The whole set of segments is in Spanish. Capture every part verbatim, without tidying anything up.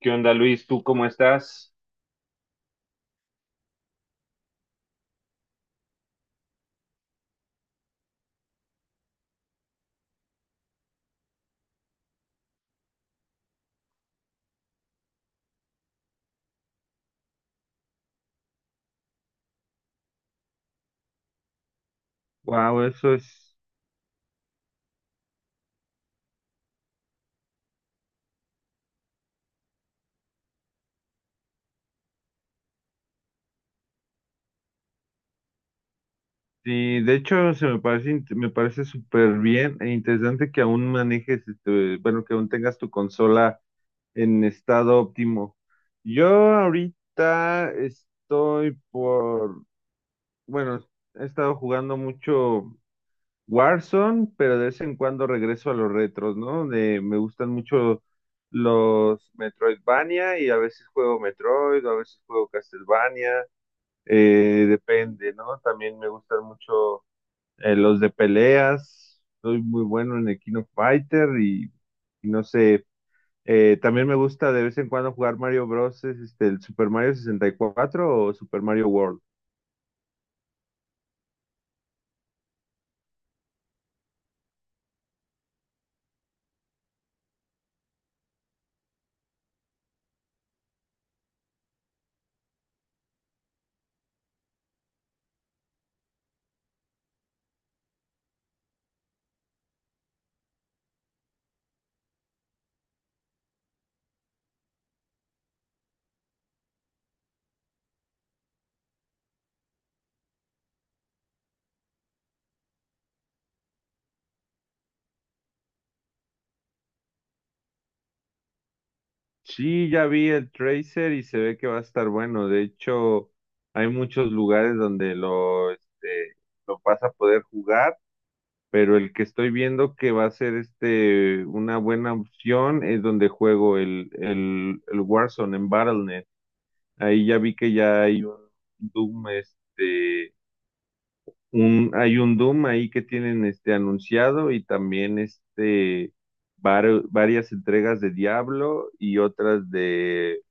¿Qué onda, Luis? ¿Tú cómo estás? Wow, eso es. Sí, de hecho, se me parece, int- me parece súper bien e interesante que aún manejes, este, bueno, que aún tengas tu consola en estado óptimo. Yo ahorita estoy por, bueno, he estado jugando mucho Warzone, pero de vez en cuando regreso a los retros, ¿no? De, me gustan mucho los Metroidvania y a veces juego Metroid, a veces juego Castlevania. Eh, depende, ¿no? También me gustan mucho eh, los de peleas. Soy muy bueno en el King of Fighter y, y no sé. Eh, también me gusta de vez en cuando jugar Mario Bros. Es, Este, el Super Mario sesenta y cuatro o Super Mario World. Sí, ya vi el Tracer y se ve que va a estar bueno. De hecho, hay muchos lugares donde lo, este, lo vas a poder jugar. Pero el que estoy viendo que va a ser este una buena opción es donde juego el, el, el Warzone en battle punto net. Ahí ya vi que ya hay un Doom, este, un, hay un Doom ahí que tienen este anunciado y también este vari- varias entregas de Diablo y otras de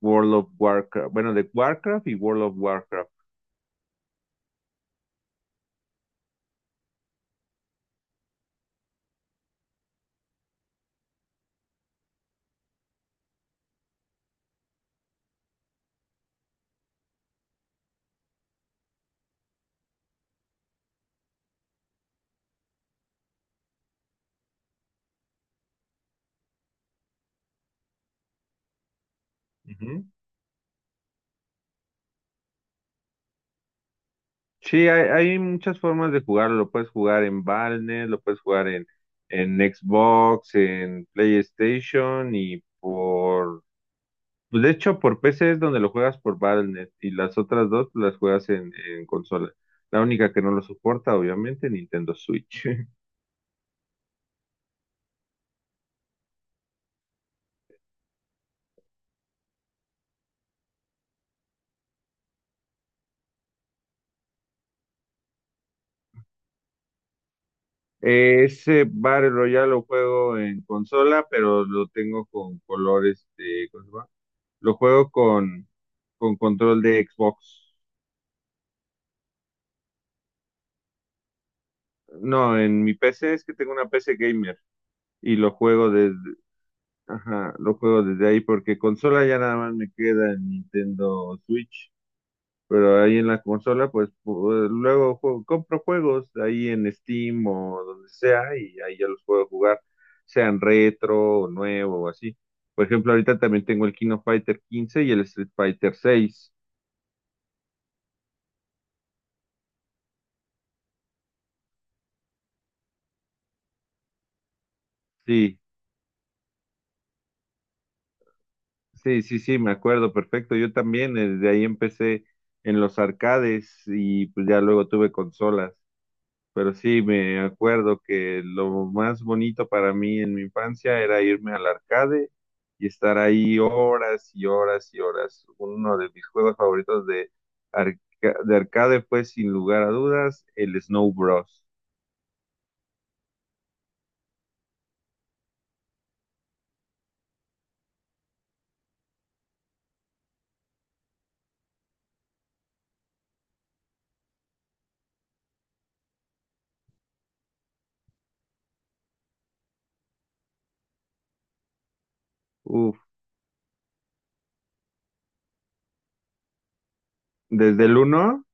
World of Warcraft, bueno, de Warcraft y World of Warcraft. Ujú. Sí, hay, hay muchas formas de jugarlo. Lo puedes jugar en Valnet, lo puedes jugar en, en Xbox, en PlayStation y por... pues, De hecho, por P C es donde lo juegas por Valnet y las otras dos las juegas en, en consola. La única que no lo soporta, obviamente, Nintendo Switch. Ese Battle Royale lo juego en consola, pero lo tengo con colores de... ¿Cómo se llama? Lo juego con, con control de Xbox. No, en mi P C es que tengo una P C gamer y lo juego desde, ajá, lo juego desde ahí porque consola ya nada más me queda en Nintendo Switch, pero ahí en la consola pues pu- luego juego- compro juegos ahí en Steam o donde sea y ahí ya los puedo jugar, sean retro o nuevo o así. Por ejemplo, ahorita también tengo el Kino Fighter quince y el Street Fighter seis. Sí, Sí, sí, sí, me acuerdo perfecto. Yo también, eh, desde ahí empecé en los arcades y pues ya luego tuve consolas. Pero sí, me acuerdo que lo más bonito para mí en mi infancia era irme al arcade y estar ahí horas y horas y horas. Uno de mis juegos favoritos de, arca- de arcade fue, sin lugar a dudas, el Snow Bros. Uf, desde el uno,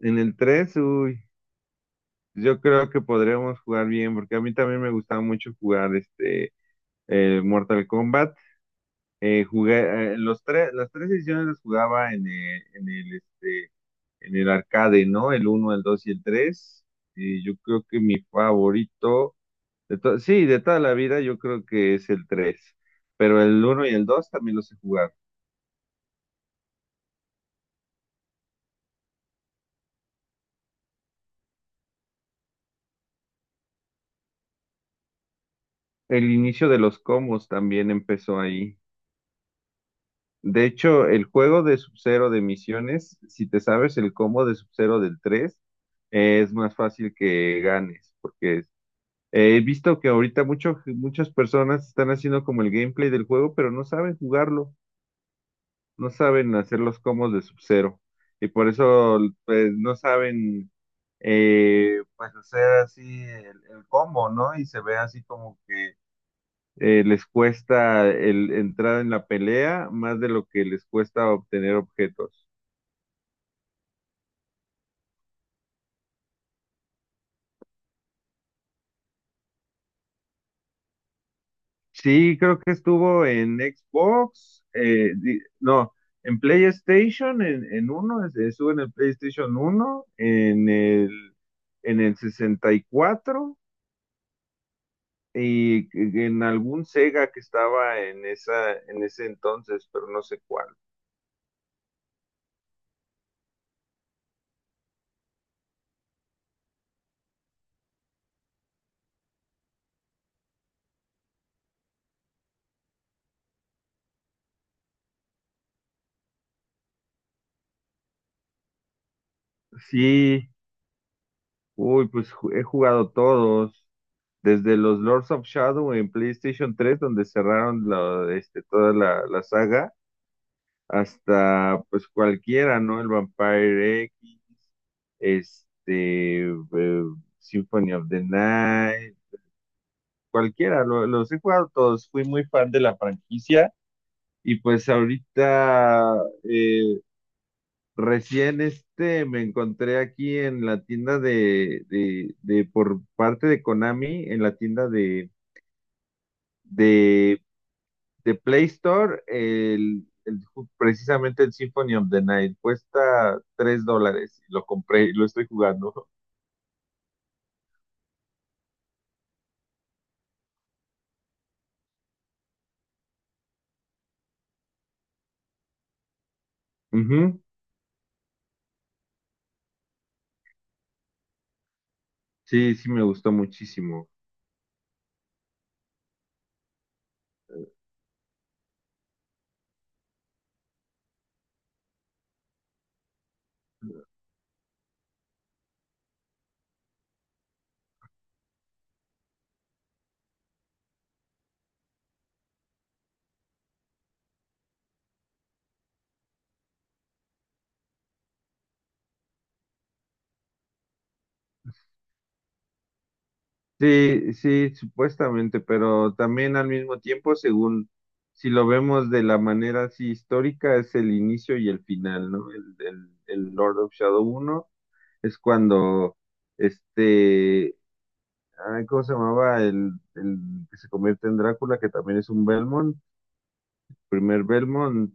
en el tres, yo creo que podríamos jugar bien, porque a mí también me gustaba mucho jugar este el Mortal Kombat. Eh, jugué eh, los tres, las tres ediciones las jugaba en el, en el este en el arcade, ¿no? El uno, el dos y el tres. Y yo creo que mi favorito de to- sí, de toda la vida yo creo que es el tres, pero el uno y el dos también los he jugado. El inicio de los combos también empezó ahí. De hecho, el juego de Sub-Zero de misiones, si te sabes el combo de Sub-Zero del tres, eh, es más fácil que ganes, porque eh, he visto que ahorita mucho- muchas personas están haciendo como el gameplay del juego, pero no saben jugarlo, no saben hacer los combos de Sub-Zero, y por eso pues no saben eh, pues hacer así el, el combo, ¿no? Y se ve así como que eh, les cuesta el entrar en la pelea más de lo que les cuesta obtener objetos. Sí, creo que estuvo en Xbox, eh, di- no, en PlayStation, en, en uno, es- estuvo en el PlayStation uno, en el, en el sesenta y cuatro y en algún Sega que estaba en esa, en ese entonces, pero no sé cuál. Sí. Uy, pues ju- he jugado todos, desde los Lords of Shadow en PlayStation tres donde cerraron la- este, toda la, la saga, hasta pues cualquiera, ¿no? El Vampire X, este, eh, Symphony of the Night, cualquiera, lo- los he jugado todos, fui muy fan de la franquicia y pues ahorita, eh, recién este me encontré aquí en la tienda de, de, de por parte de Konami, en la tienda de, de, de Play Store, el, el ju- precisamente el Symphony of the Night. Cuesta tres dólares. Lo compré y lo estoy jugando. Ujú. Sí, sí me gustó muchísimo. Sí, sí, supuestamente, pero también al mismo tiempo, según si lo vemos de la manera así histórica, es el inicio y el final, ¿no? El, el, el Lord of Shadow uno es cuando este, ay, ¿cómo se llamaba? El, el que se convierte en Drácula, que también es un Belmont, primer Belmont,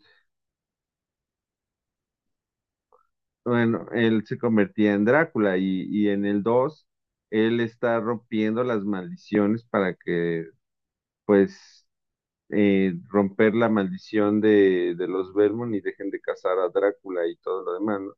bueno, él se convertía en Drácula, y, y en el dos él está rompiendo las maldiciones para que, pues, eh, romper la maldición de, de los Belmont y dejen de cazar a Drácula y todo lo demás, ¿no?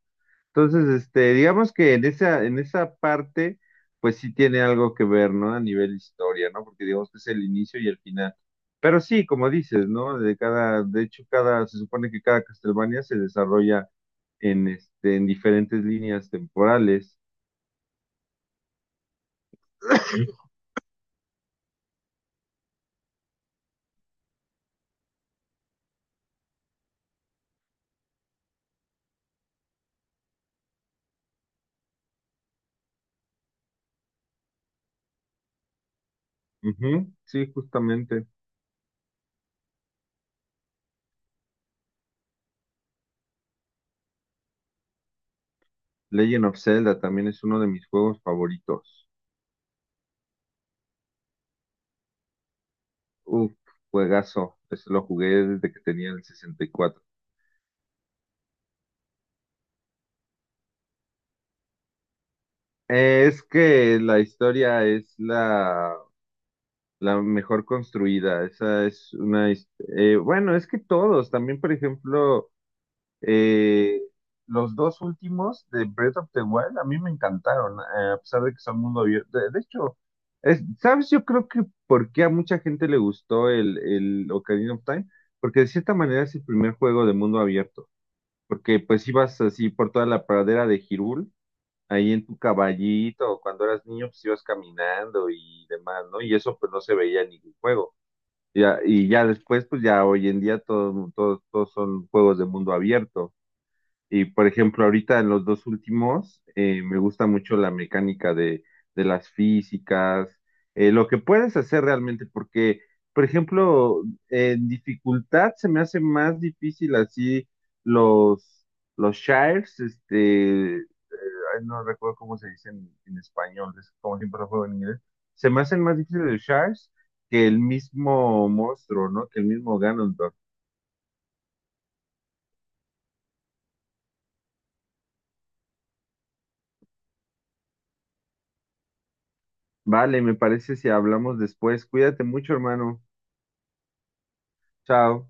Entonces, este, digamos que en esa, en esa parte, pues sí tiene algo que ver, ¿no? A nivel historia, ¿no? Porque digamos que es el inicio y el final. Pero sí, como dices, ¿no? De cada, de hecho, cada, se supone que cada Castlevania se desarrolla en este, en diferentes líneas temporales. Ujú, sí, justamente. Legend of Zelda también es uno de mis juegos favoritos. Uf, juegazo. Eso lo jugué desde que tenía el sesenta y cuatro. Eh, es que la historia es la, la mejor construida. Esa es una... his- eh, bueno, es que todos. También, por ejemplo, eh, los dos últimos de Breath of the Wild a mí me encantaron, eh, a pesar de que son mundo abierto. De, de hecho, es- ¿sabes? Yo creo que porque a mucha gente le gustó el, el Ocarina of Time, porque de cierta manera es el primer juego de mundo abierto. Porque pues ibas así por toda la pradera de Girul, ahí en tu caballito, o cuando eras niño, pues ibas caminando y demás, ¿no? Y eso pues no se veía en ningún juego. Ya, y ya después, pues ya hoy en día todo, todo- todos son juegos de mundo abierto. Y por ejemplo, ahorita en los dos últimos, eh, me gusta mucho la mecánica de, de las físicas, eh, lo que puedes hacer realmente, porque, por ejemplo, en dificultad se me hace más difícil así los, los shires, este, ay, no recuerdo cómo se dice en, en español, es como siempre lo juego en inglés, se me hacen más difíciles los shires que el mismo monstruo, ¿no? Que el mismo Ganondorf. Vale, me parece si hablamos después. Cuídate mucho, hermano. Chao.